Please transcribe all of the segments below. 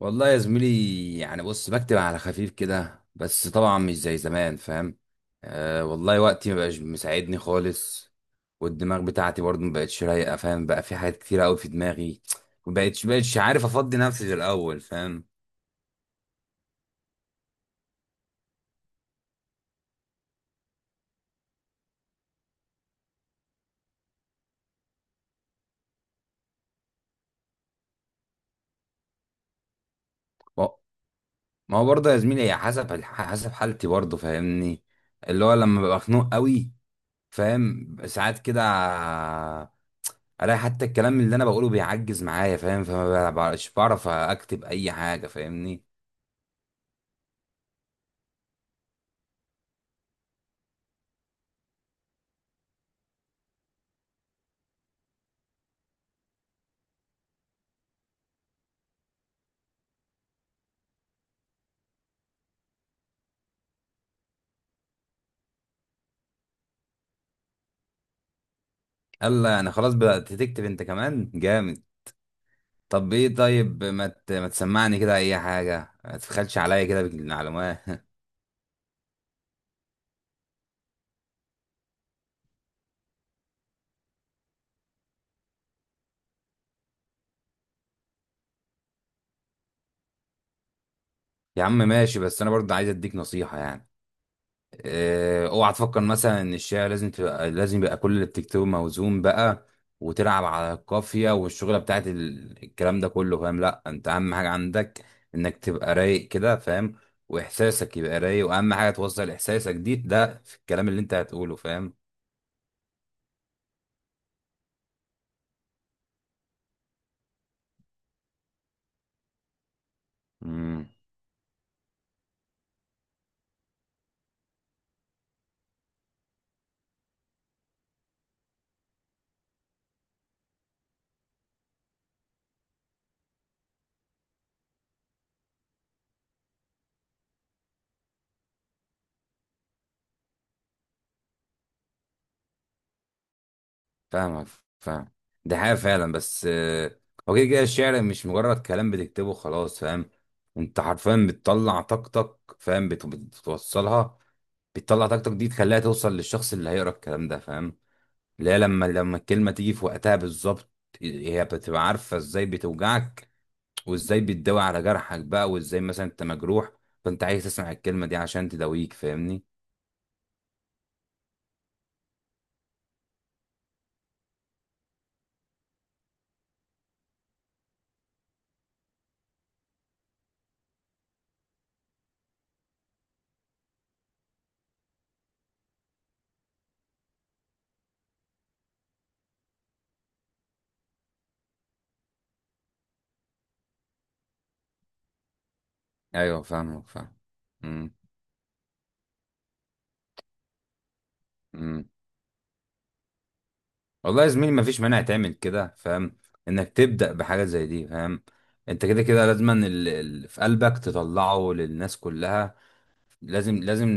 والله يا زميلي، يعني بص بكتب على خفيف كده بس طبعا مش زي زمان، فاهم. آه، والله وقتي مبقاش مساعدني خالص. والدماغ بتاعتي برضه مبقتش رايقة، فاهم، بقى في حاجات كتير قوي في دماغي. مبقتش عارف افضي نفسي زي الاول، فاهم. ما ما هو برضه يا زميلي، هي حسب حسب حالتي برضه، فاهمني. اللي هو لما ببقى خنوق قوي، فاهم، ساعات كده الاقي حتى الكلام اللي انا بقوله بيعجز معايا، فاهم، فما بقاش بعرف اكتب اي حاجة، فاهمني. يلا يعني خلاص بدأت تكتب انت كمان، جامد. طب ايه؟ طيب ما تسمعني كده اي حاجه، ما تبخلش عليا كده بالمعلومات. يا عم ماشي، بس انا برضه عايز اديك نصيحه يعني. اه، اوعى تفكر مثلا ان الشعر لازم تبقى لازم يبقى كل اللي بتكتبه موزون بقى، وتلعب على القافيه والشغله بتاعت الكلام ده كله، فاهم. لا انت اهم حاجه عندك انك تبقى رايق كده، فاهم، واحساسك يبقى رايق، واهم حاجه توصل احساسك دي ده في الكلام اللي انت هتقوله. فاهم. فاهمك. فاهم. دي حاجة فعلا. بس هو كده كده الشعر مش مجرد كلام بتكتبه خلاص، فاهم. انت حرفيا بتطلع طاقتك، فاهم، بتوصلها. بتطلع طاقتك دي تخليها توصل للشخص اللي هيقرا الكلام ده، فاهم. اللي هي لما الكلمة تيجي في وقتها بالظبط، هي بتبقى عارفة ازاي بتوجعك، وازاي بتداوي على جرحك بقى، وازاي مثلا انت مجروح، فانت عايز تسمع الكلمة دي عشان تداويك، فاهمني. ايوه، فاهمك. فاهم. امم. امم. والله يا زميلي، مفيش مانع تعمل كده، فاهم، انك تبدأ بحاجة زي دي، فاهم. انت كده كده لازما في قلبك تطلعه للناس كلها، لازم، لازم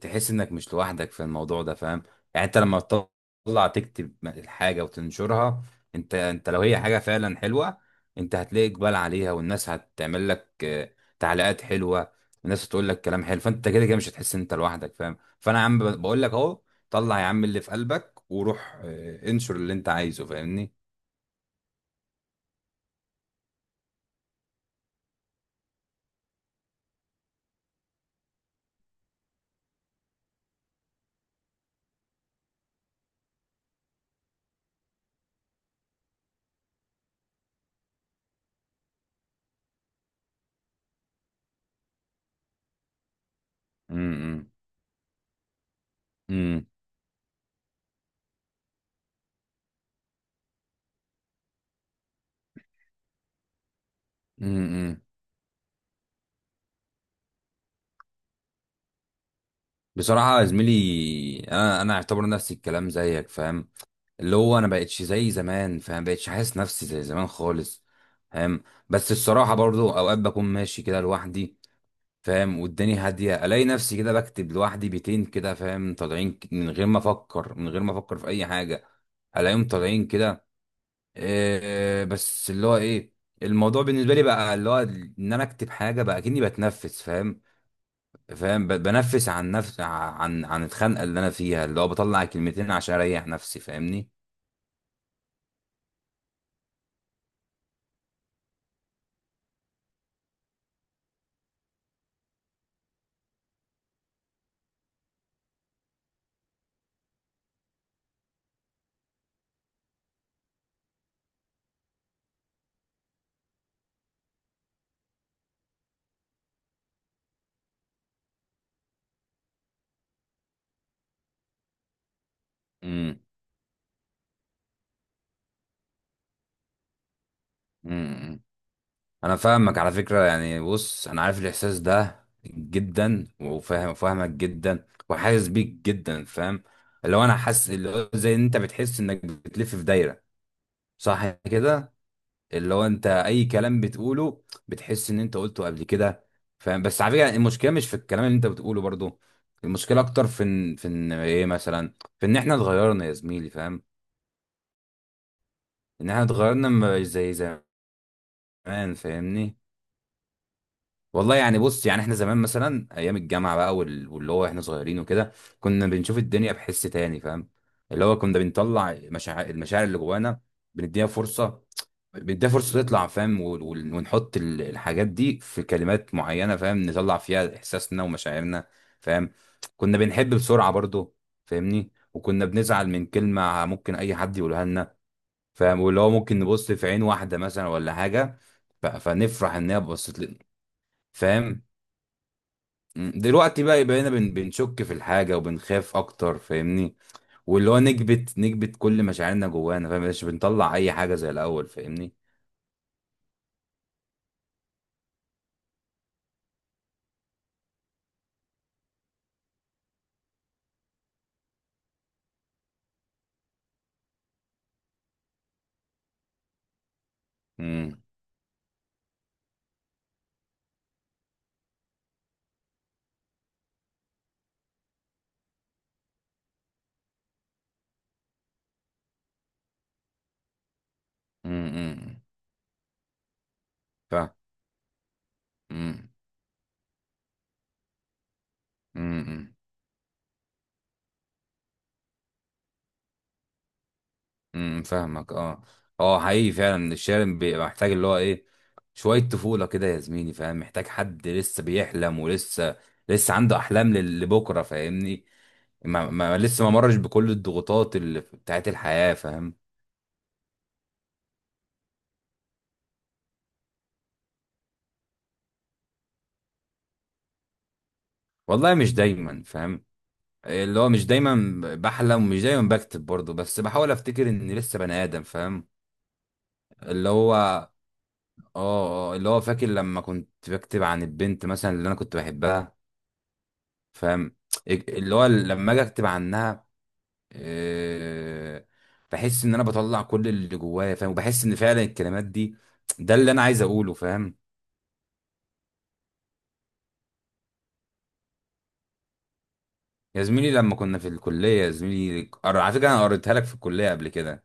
تحس انك مش لوحدك في الموضوع ده، فاهم. يعني انت لما تطلع تكتب الحاجة وتنشرها، انت لو هي حاجة فعلا حلوة، انت هتلاقي اقبال عليها، والناس هتعمل لك تعليقات حلوة، والناس هتقول لك كلام حلو، فانت كده كده مش هتحس ان انت لوحدك، فاهم. فانا يا عم بقول لك اهو، طلع يا عم اللي في قلبك وروح انشر اللي انت عايزه، فاهمني. امم. امم. امم. بصراحة يا زميلي، انا اعتبر نفسي الكلام زيك، فاهم، اللي هو انا بقتش زي زمان، فاهم، بقتش حاسس نفسي زي زمان خالص. فاهم. بس الصراحه برضو اوقات بكون ماشي كده لوحدي، فاهم، والدنيا هاديه، الاقي نفسي كده بكتب لوحدي بيتين كده، فاهم، طالعين من غير ما افكر في اي حاجه، الاقيهم طالعين كده. إيه بس اللي هو ايه، الموضوع بالنسبه لي بقى اللي هو ان انا اكتب حاجه بقى كأني بتنفس، فاهم، فاهم بنفس عن نفس عن الخنقه اللي انا فيها، اللي هو بطلع كلمتين عشان اريح نفسي، فاهمني. امم. امم. امم. انا فاهمك على فكرة، يعني بص انا عارف الاحساس ده جدا وفاهم، فاهمك جدا وحاسس بيك جدا، فاهم، اللي هو انا حاسس اللي هو زي ان انت بتحس انك بتلف في دايرة، صح كده؟ اللي هو انت اي كلام بتقوله بتحس ان انت قلته قبل كده، فاهم. بس على فكرة، المشكلة مش في الكلام اللي انت بتقوله برضو، المشكلة اكتر في ان في ان ايه مثلا، في ان احنا اتغيرنا يا زميلي، فاهم. ان احنا اتغيرنا زي زمان، فاهمني. والله يعني بص، يعني احنا زمان مثلا ايام الجامعه بقى، واللي هو احنا صغيرين وكده، كنا بنشوف الدنيا بحس تاني، فاهم. اللي هو كنا بنطلع المشاعر اللي جوانا، بنديها فرصه، بنديها فرصه تطلع، فاهم، ونحط الحاجات دي في كلمات معينه، فاهم، نطلع فيها احساسنا ومشاعرنا. فاهم. كنا بنحب بسرعه برضو، فاهمني، وكنا بنزعل من كلمه ممكن اي حد يقولها لنا، فاهم، واللي هو ممكن نبص في عين واحده مثلا ولا حاجه، فنفرح ان هي بصت لنا، فاهم. مم. دلوقتي بقى بقينا بنشك في الحاجة وبنخاف أكتر، فاهمني، واللي هو نكبت كل مشاعرنا جوانا، فاهم، مش بنطلع أي حاجة زي الأول، فاهمني. امم. امم. فاهم. امم. امم. امم. فاهمك. اه. اه، حقيقي فعلا الشارع بيبقى محتاج اللي هو إيه، شوية طفولة كده يا زميلي، فاهم، محتاج حد لسه بيحلم، ولسه لسه عنده أحلام لبكرة، فاهمني. ما لسه ما مرش بكل الضغوطات اللي بتاعت الحياة، فاهم. والله مش دايما، فاهم، اللي هو مش دايما بحلم ومش دايما بكتب برضه، بس بحاول افتكر اني لسه بني ادم، فاهم. اللي هو اه، اللي هو فاكر لما كنت بكتب عن البنت مثلا اللي انا كنت بحبها، فاهم، اللي هو لما اجي اكتب عنها، آه، بحس ان انا بطلع كل اللي جوايا، فاهم، وبحس ان فعلا الكلمات دي ده اللي انا عايز اقوله، فاهم. يا زميلي لما كنا في الكلية يا زميلي، على فكرة انا قريتها لك في الكلية قبل كده.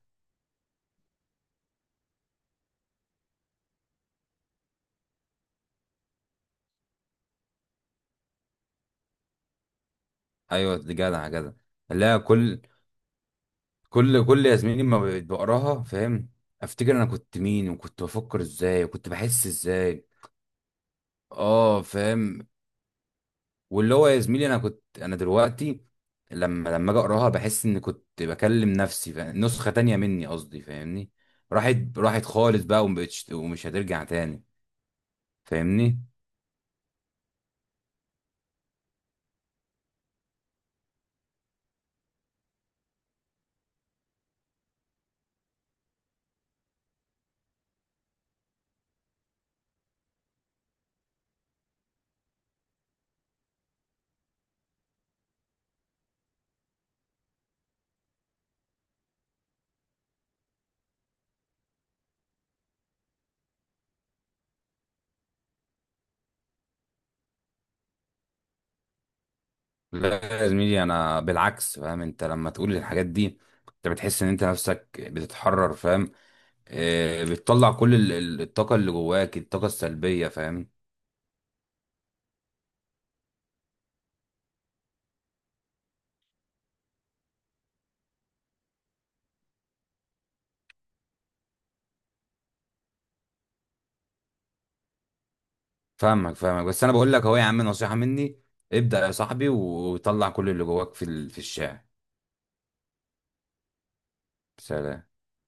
ايوه دي، جدع جدع. لا، كل يا زميلي ما بقيت بقراها، فاهم، افتكر انا كنت مين، وكنت بفكر ازاي، وكنت بحس ازاي. اه، فاهم. واللي هو يا زميلي انا دلوقتي لما اجي اقراها بحس ان كنت بكلم نفسي، فاهم، نسخة تانية مني، قصدي، فاهمني. راحت، راحت خالص بقى، ومبقتش، ومش هترجع تاني، فاهمني. لا يا زميلي، انا بالعكس، فاهم، انت لما تقول الحاجات دي انت بتحس ان انت نفسك بتتحرر، فاهم، بتطلع كل الطاقة اللي جواك، الطاقة السلبية، فاهم. فاهمك، فاهمك، بس أنا بقول لك أهو يا عم، نصيحة مني، ابدأ يا صاحبي وطلع كل اللي جواك في الشارع. سلام.